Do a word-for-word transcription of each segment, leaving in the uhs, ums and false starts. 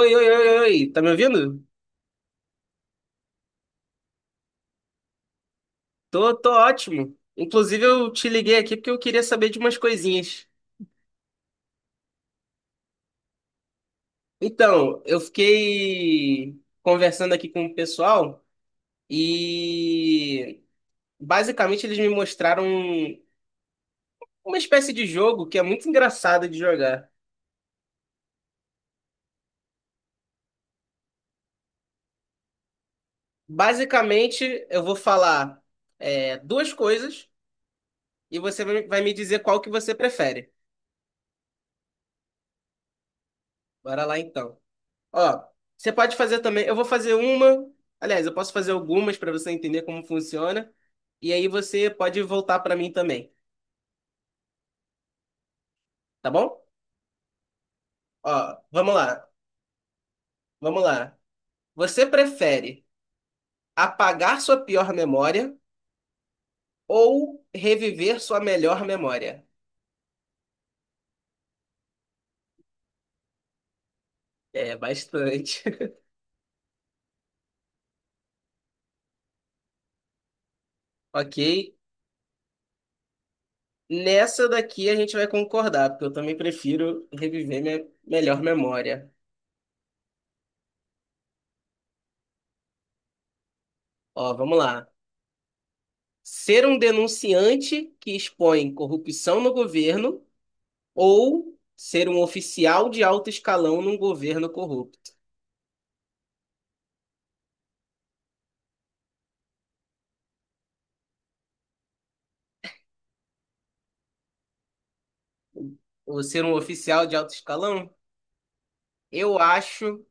Oi, oi, oi, oi, tá me ouvindo? Tô, tô ótimo. Inclusive, eu te liguei aqui porque eu queria saber de umas coisinhas. Então, eu fiquei conversando aqui com o pessoal e basicamente eles me mostraram uma espécie de jogo que é muito engraçado de jogar. Basicamente, eu vou falar é, duas coisas e você vai vai me dizer qual que você prefere. Bora lá então. Ó, você pode fazer também. Eu vou fazer uma. Aliás, eu posso fazer algumas para você entender como funciona. E aí você pode voltar para mim também, tá bom? Ó, vamos lá. Vamos lá. Você prefere apagar sua pior memória ou reviver sua melhor memória? É, bastante. Ok. Nessa daqui a gente vai concordar, porque eu também prefiro reviver minha melhor memória. Ó, vamos lá. Ser um denunciante que expõe corrupção no governo ou ser um oficial de alto escalão num governo corrupto? Ou ser um oficial de alto escalão? Eu acho.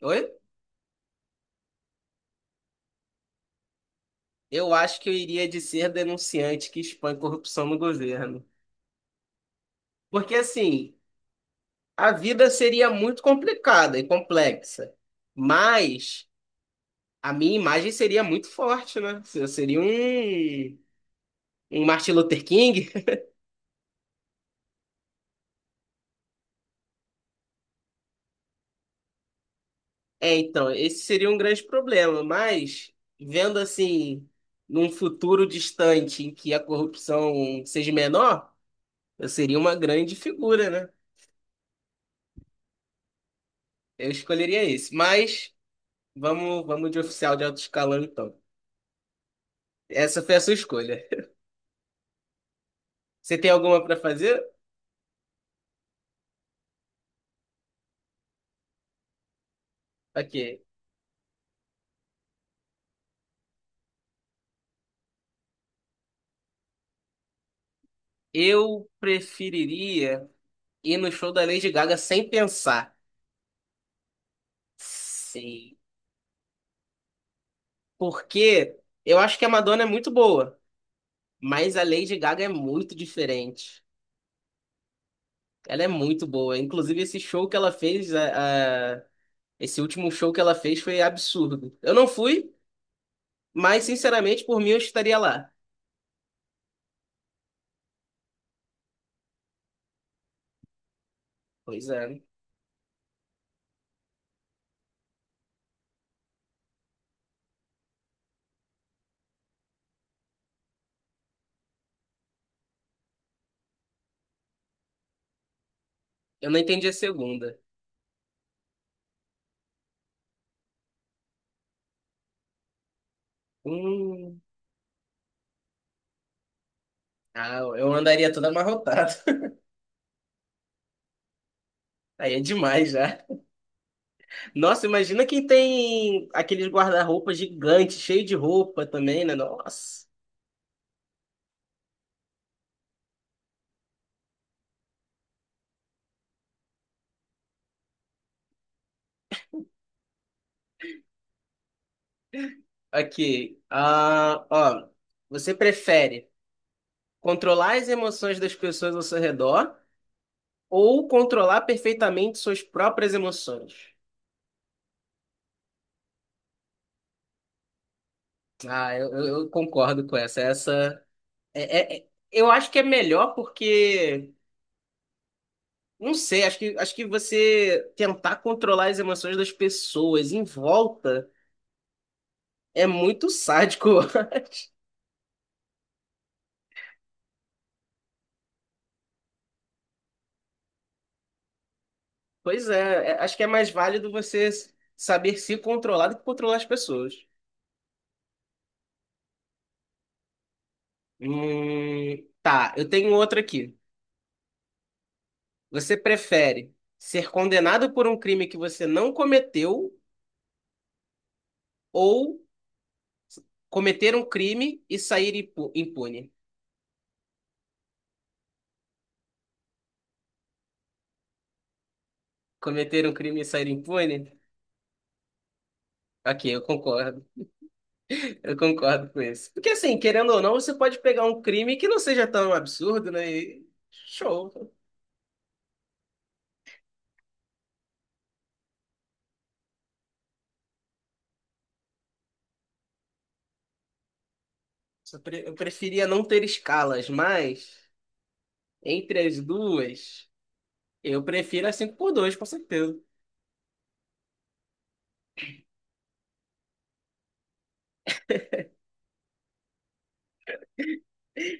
Oi? Eu acho que eu iria de ser denunciante que expõe corrupção no governo. Porque, assim, a vida seria muito complicada e complexa. Mas a minha imagem seria muito forte, né? Eu seria um, um Martin Luther King. É, então, esse seria um grande problema, mas vendo assim, num futuro distante em que a corrupção seja menor, eu seria uma grande figura, né? Eu escolheria esse. Mas vamos, vamos de oficial de alto escalão, então. Essa foi a sua escolha. Você tem alguma para fazer? Ok. Eu preferiria ir no show da Lady Gaga sem pensar. Sim. Porque eu acho que a Madonna é muito boa, mas a Lady Gaga é muito diferente. Ela é muito boa. Inclusive, esse show que ela fez, a, a- esse último show que ela fez foi absurdo. Eu não fui, mas sinceramente, por mim, eu estaria lá. Pois é. Eu não entendi a segunda. Hum. Ah, eu andaria toda amarrotada. Aí é demais já. Nossa, imagina quem tem aqueles guarda-roupa gigante, cheio de roupa também, né? Nossa. Aqui. Ah, ó. Você prefere controlar as emoções das pessoas ao seu redor? Ou controlar perfeitamente suas próprias emoções. Ah, eu, eu- eu concordo com essa. Essa é, é- é- eu acho que é melhor porque não sei, acho que acho que você tentar controlar as emoções das pessoas em volta é muito sádico. Eu acho. Pois é, é- acho que é mais válido você s- saber se controlar do que controlar as pessoas. Hum, tá, eu tenho outra aqui. Você prefere ser condenado por um crime que você não cometeu? Ou cometer um crime e sair impu- impune. Cometer um crime e sair impune? Ok, eu concordo. Eu concordo com isso. Porque assim, querendo ou não, você pode pegar um crime que não seja tão absurdo, né? E show. Eu pre- eu preferia não ter escalas, mas entre as duas, eu prefiro a cinco por dois, com certeza.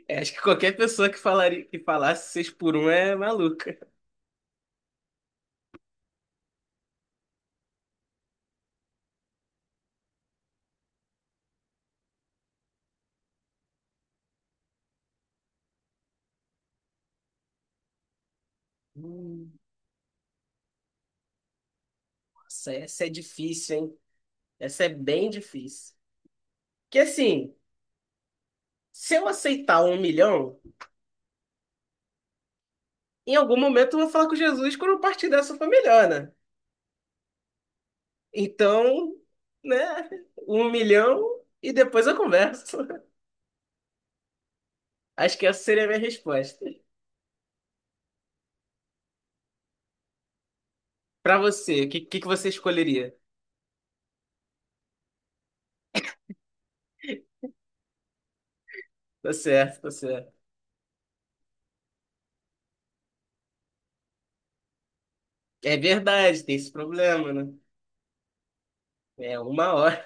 É, acho que qualquer pessoa que falaria, que falasse seis por um é maluca. Hum, Nossa, essa é difícil, hein? Essa é bem difícil. Que assim. Se eu aceitar um milhão, em algum momento eu vou falar com Jesus quando eu partir dessa foi melhor, né? Então, né? Um milhão e depois eu converso. Acho que essa seria a minha resposta. Pra você, o que, que, que você escolheria? Tá certo, tá certo. É verdade, tem esse problema, né? É uma hora.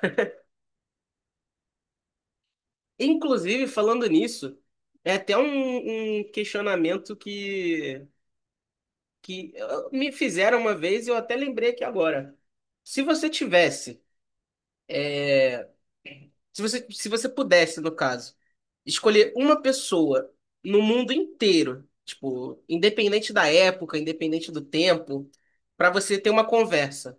Inclusive, falando nisso, é até um, um questionamento que, que eh, me fizeram uma vez e eu até lembrei aqui agora. Se você tivesse Se você, se você pudesse, no caso, escolher uma pessoa no mundo inteiro, tipo, independente da época, independente do tempo, pra você ter uma conversa,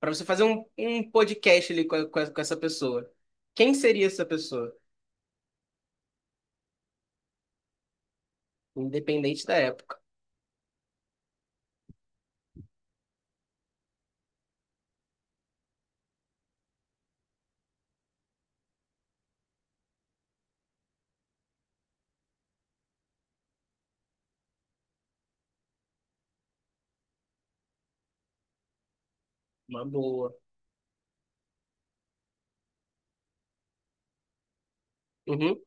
pra você fazer um, um podcast ali com, a- com, a- com essa pessoa. Quem seria essa pessoa? Independente da época. Uma boa. Uhum.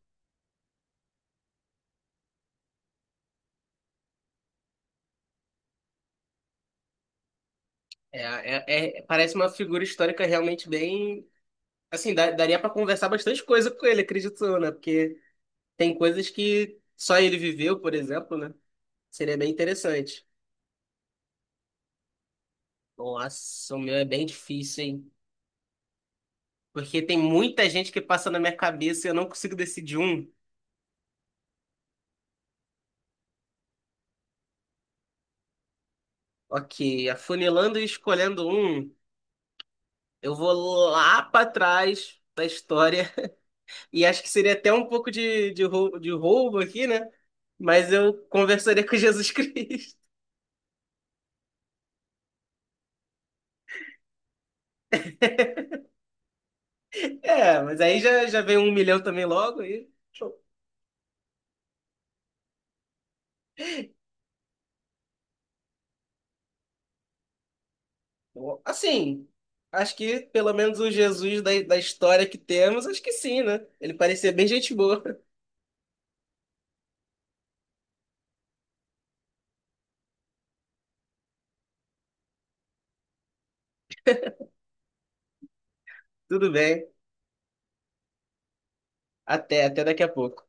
É, é- é- parece uma figura histórica realmente bem. Assim, dá- daria pra conversar bastante coisa com ele, acredito, eu, né? Porque tem coisas que só ele viveu, por exemplo, né? Seria bem interessante. Nossa, o meu é bem difícil, hein? Porque tem muita gente que passa na minha cabeça e eu não consigo decidir um. Ok, afunilando e escolhendo um, eu vou lá pra trás da história. E acho que seria até um pouco de, de rou de roubo aqui, né? Mas eu conversaria com Jesus Cristo. É, mas aí já, já vem um milhão também logo. E... show. Então, assim, acho que pelo menos o Jesus da, da história que temos, acho que sim, né? Ele parecia bem gente boa. Tudo bem. Até, até daqui a pouco.